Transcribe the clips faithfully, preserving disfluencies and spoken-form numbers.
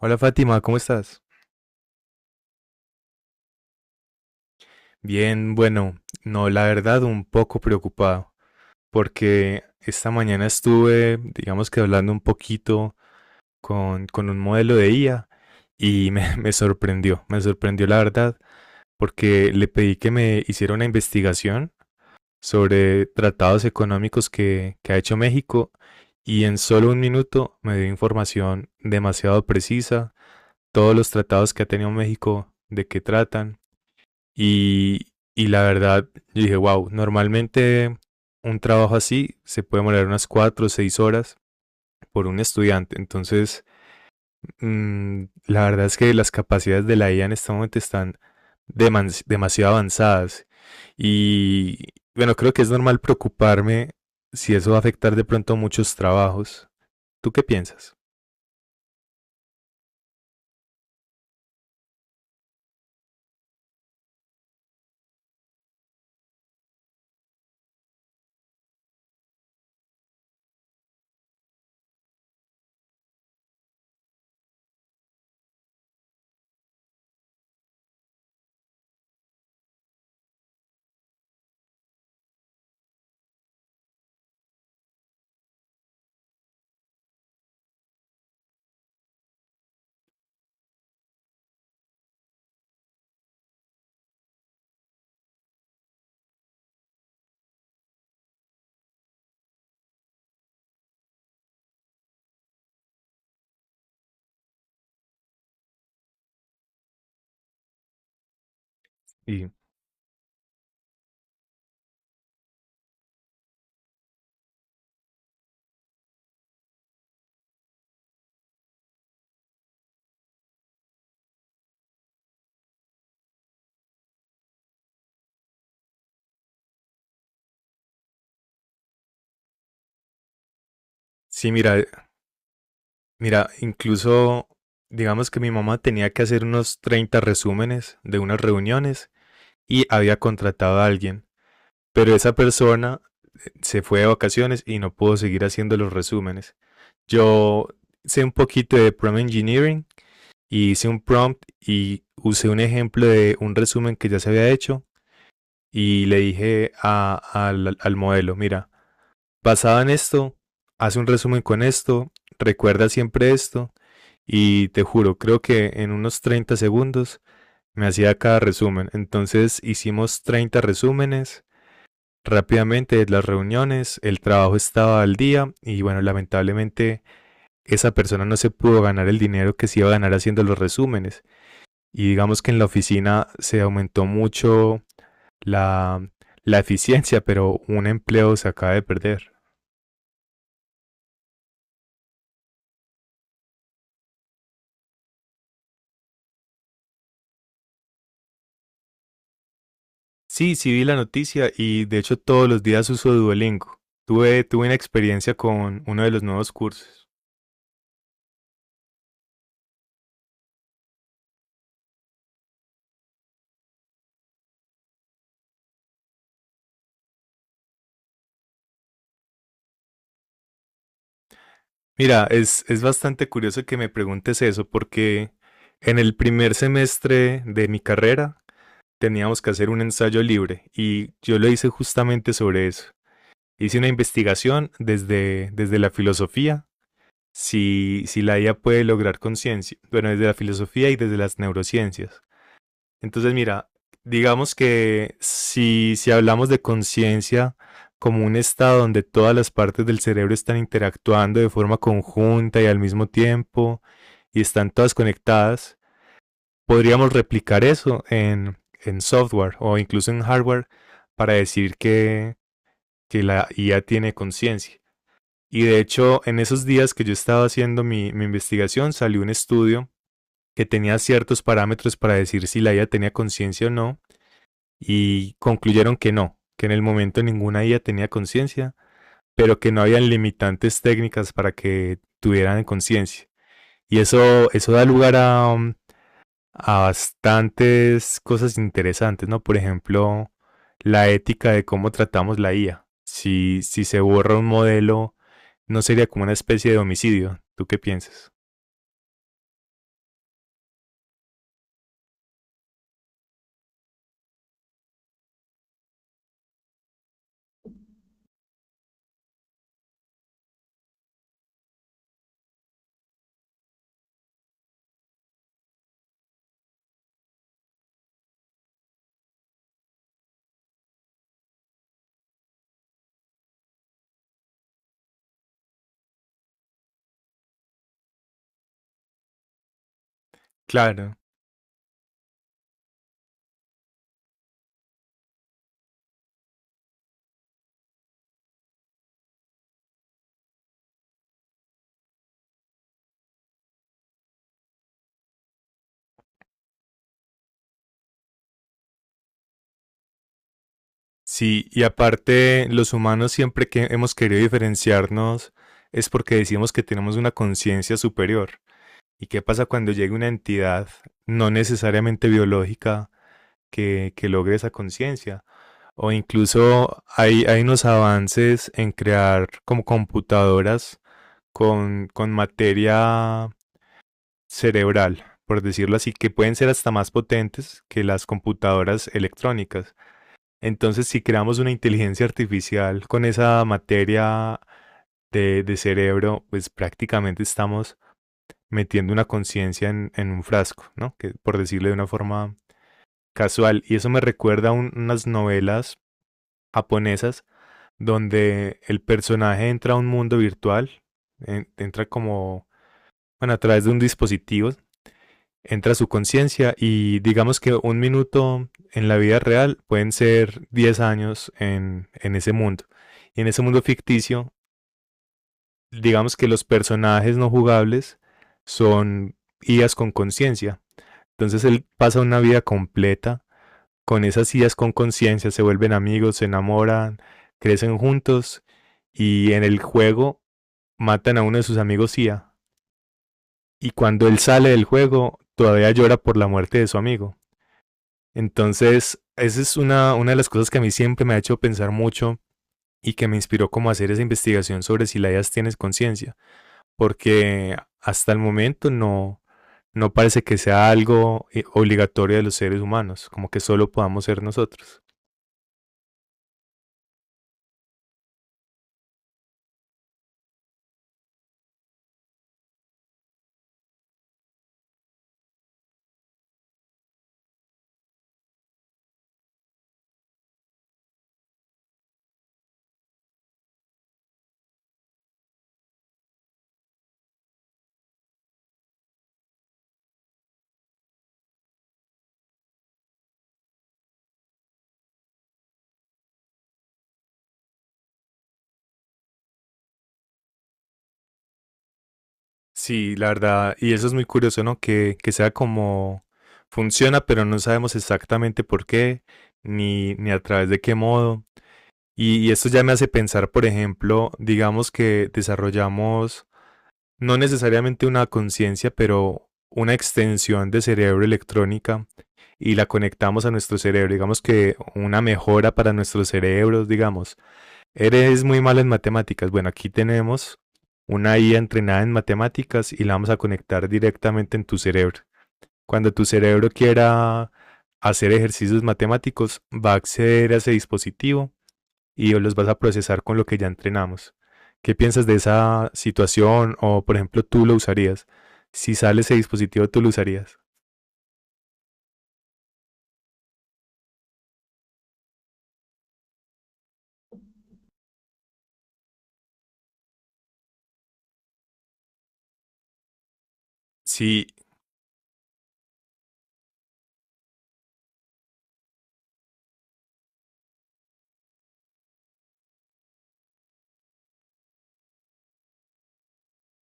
Hola Fátima, ¿cómo estás? Bien, bueno, no, la verdad un poco preocupado porque esta mañana estuve, digamos que hablando un poquito con, con un modelo de I A y me, me sorprendió, me sorprendió la verdad porque le pedí que me hiciera una investigación sobre tratados económicos que, que ha hecho México y en solo un minuto me dio información demasiado precisa, todos los tratados que ha tenido México, de qué tratan. Y, y la verdad, yo dije, wow, normalmente un trabajo así se puede demorar unas cuatro o seis horas por un estudiante. Entonces, mmm, la verdad es que las capacidades de la I A en este momento están demas demasiado avanzadas. Y bueno, creo que es normal preocuparme si eso va a afectar de pronto muchos trabajos. ¿Tú qué piensas? Y sí, mira, mira, incluso digamos que mi mamá tenía que hacer unos treinta resúmenes de unas reuniones y había contratado a alguien, pero esa persona eh, se fue de vacaciones y no pudo seguir haciendo los resúmenes. Yo sé un poquito de prompt engineering y hice un prompt y usé un ejemplo de un resumen que ya se había hecho y le dije a, a, al, al modelo, mira, basado en esto, haz un resumen con esto, recuerda siempre esto y te juro, creo que en unos treinta segundos me hacía cada resumen. Entonces hicimos treinta resúmenes rápidamente las reuniones, el trabajo estaba al día y bueno, lamentablemente esa persona no se pudo ganar el dinero que se iba a ganar haciendo los resúmenes. Y digamos que en la oficina se aumentó mucho la, la eficiencia, pero un empleo se acaba de perder. Sí, sí vi la noticia y de hecho todos los días uso Duolingo. Tuve, tuve una experiencia con uno de los nuevos cursos. Mira, es, es bastante curioso que me preguntes eso porque en el primer semestre de mi carrera teníamos que hacer un ensayo libre y yo lo hice justamente sobre eso. Hice una investigación desde, desde la filosofía, si, si la I A puede lograr conciencia, bueno, desde la filosofía y desde las neurociencias. Entonces, mira, digamos que si, si hablamos de conciencia como un estado donde todas las partes del cerebro están interactuando de forma conjunta y al mismo tiempo y están todas conectadas, podríamos replicar eso en, en software o incluso en hardware para decir que, que la I A tiene conciencia. Y de hecho, en esos días que yo estaba haciendo mi, mi, investigación, salió un estudio que tenía ciertos parámetros para decir si la I A tenía conciencia o no, y concluyeron que no, que en el momento ninguna I A tenía conciencia, pero que no habían limitantes técnicas para que tuvieran conciencia. Y eso, eso da lugar a, um, a bastantes cosas interesantes, ¿no? Por ejemplo, la ética de cómo tratamos la I A. Si, si se borra un modelo, no sería como una especie de homicidio. ¿Tú qué piensas? Claro. Sí, y aparte, los humanos siempre que hemos querido diferenciarnos es porque decimos que tenemos una conciencia superior. ¿Y qué pasa cuando llega una entidad no necesariamente biológica que, que logre esa conciencia? O incluso hay, hay unos avances en crear como computadoras con, con materia cerebral, por decirlo así, que pueden ser hasta más potentes que las computadoras electrónicas. Entonces, si creamos una inteligencia artificial con esa materia de, de cerebro, pues prácticamente estamos metiendo una conciencia en, en un frasco, ¿no? Que por decirlo de una forma casual. Y eso me recuerda a un- unas novelas japonesas donde el personaje entra a un mundo virtual, en- entra como, bueno, a través de un dispositivo, entra a su conciencia y digamos que un minuto en la vida real pueden ser diez años en, en ese mundo. Y en ese mundo ficticio, digamos que los personajes no jugables son I As con conciencia. Entonces él pasa una vida completa con esas I As con conciencia, se vuelven amigos, se enamoran, crecen juntos y en el juego matan a uno de sus amigos Sia y cuando él sale del juego todavía llora por la muerte de su amigo. Entonces, esa es una, una de las cosas que a mí siempre me ha hecho pensar mucho y que me inspiró como a hacer esa investigación sobre si la I As tienes conciencia, porque hasta el momento no, no parece que sea algo eh, obligatorio de los seres humanos, como que solo podamos ser nosotros. Sí, la verdad, y eso es muy curioso, ¿no? Que, que sea como funciona, pero no sabemos exactamente por qué, ni, ni a través de qué modo. Y, y esto ya me hace pensar, por ejemplo, digamos que desarrollamos no necesariamente una conciencia, pero una extensión de cerebro electrónica y la conectamos a nuestro cerebro, digamos que una mejora para nuestros cerebros, digamos. Eres muy malo en matemáticas. Bueno, aquí tenemos una I A entrenada en matemáticas y la vamos a conectar directamente en tu cerebro. Cuando tu cerebro quiera hacer ejercicios matemáticos, va a acceder a ese dispositivo y los vas a procesar con lo que ya entrenamos. ¿Qué piensas de esa situación? O, por ejemplo, tú lo usarías. Si sale ese dispositivo, tú lo usarías. Sí,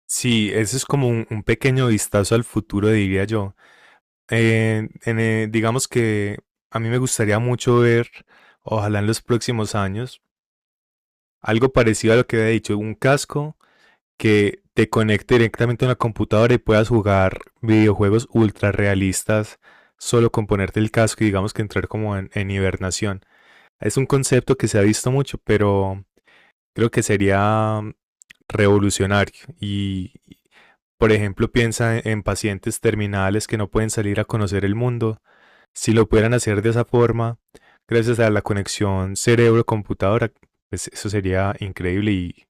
sí, eso es como un, un pequeño vistazo al futuro, diría yo. Eh, en, eh, digamos que a mí me gustaría mucho ver, ojalá en los próximos años, algo parecido a lo que había dicho, un casco que te conecte directamente a una computadora y puedas jugar videojuegos ultra realistas solo con ponerte el casco y digamos que entrar como en, en hibernación. Es un concepto que se ha visto mucho, pero creo que sería revolucionario y, y, por ejemplo, piensa en en pacientes terminales que no pueden salir a conocer el mundo si lo pudieran hacer de esa forma, gracias a la conexión cerebro-computadora, pues eso sería increíble y,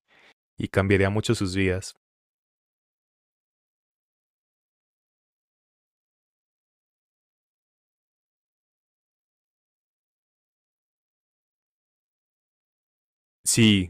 y cambiaría mucho sus vidas. Sí,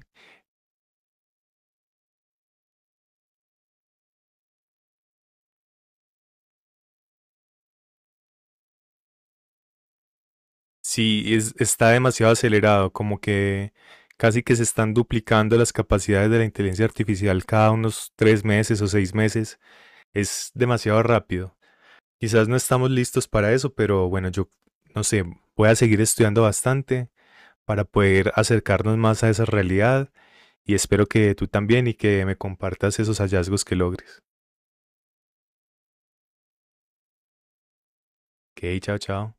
sí, es- está demasiado acelerado, como que casi que se están duplicando las capacidades de la inteligencia artificial cada unos tres meses o seis meses. Es demasiado rápido. Quizás no estamos listos para eso, pero bueno, yo no sé, voy a seguir estudiando bastante para poder acercarnos más a esa realidad y espero que tú también y que me compartas esos hallazgos que logres. Ok, chao, chao.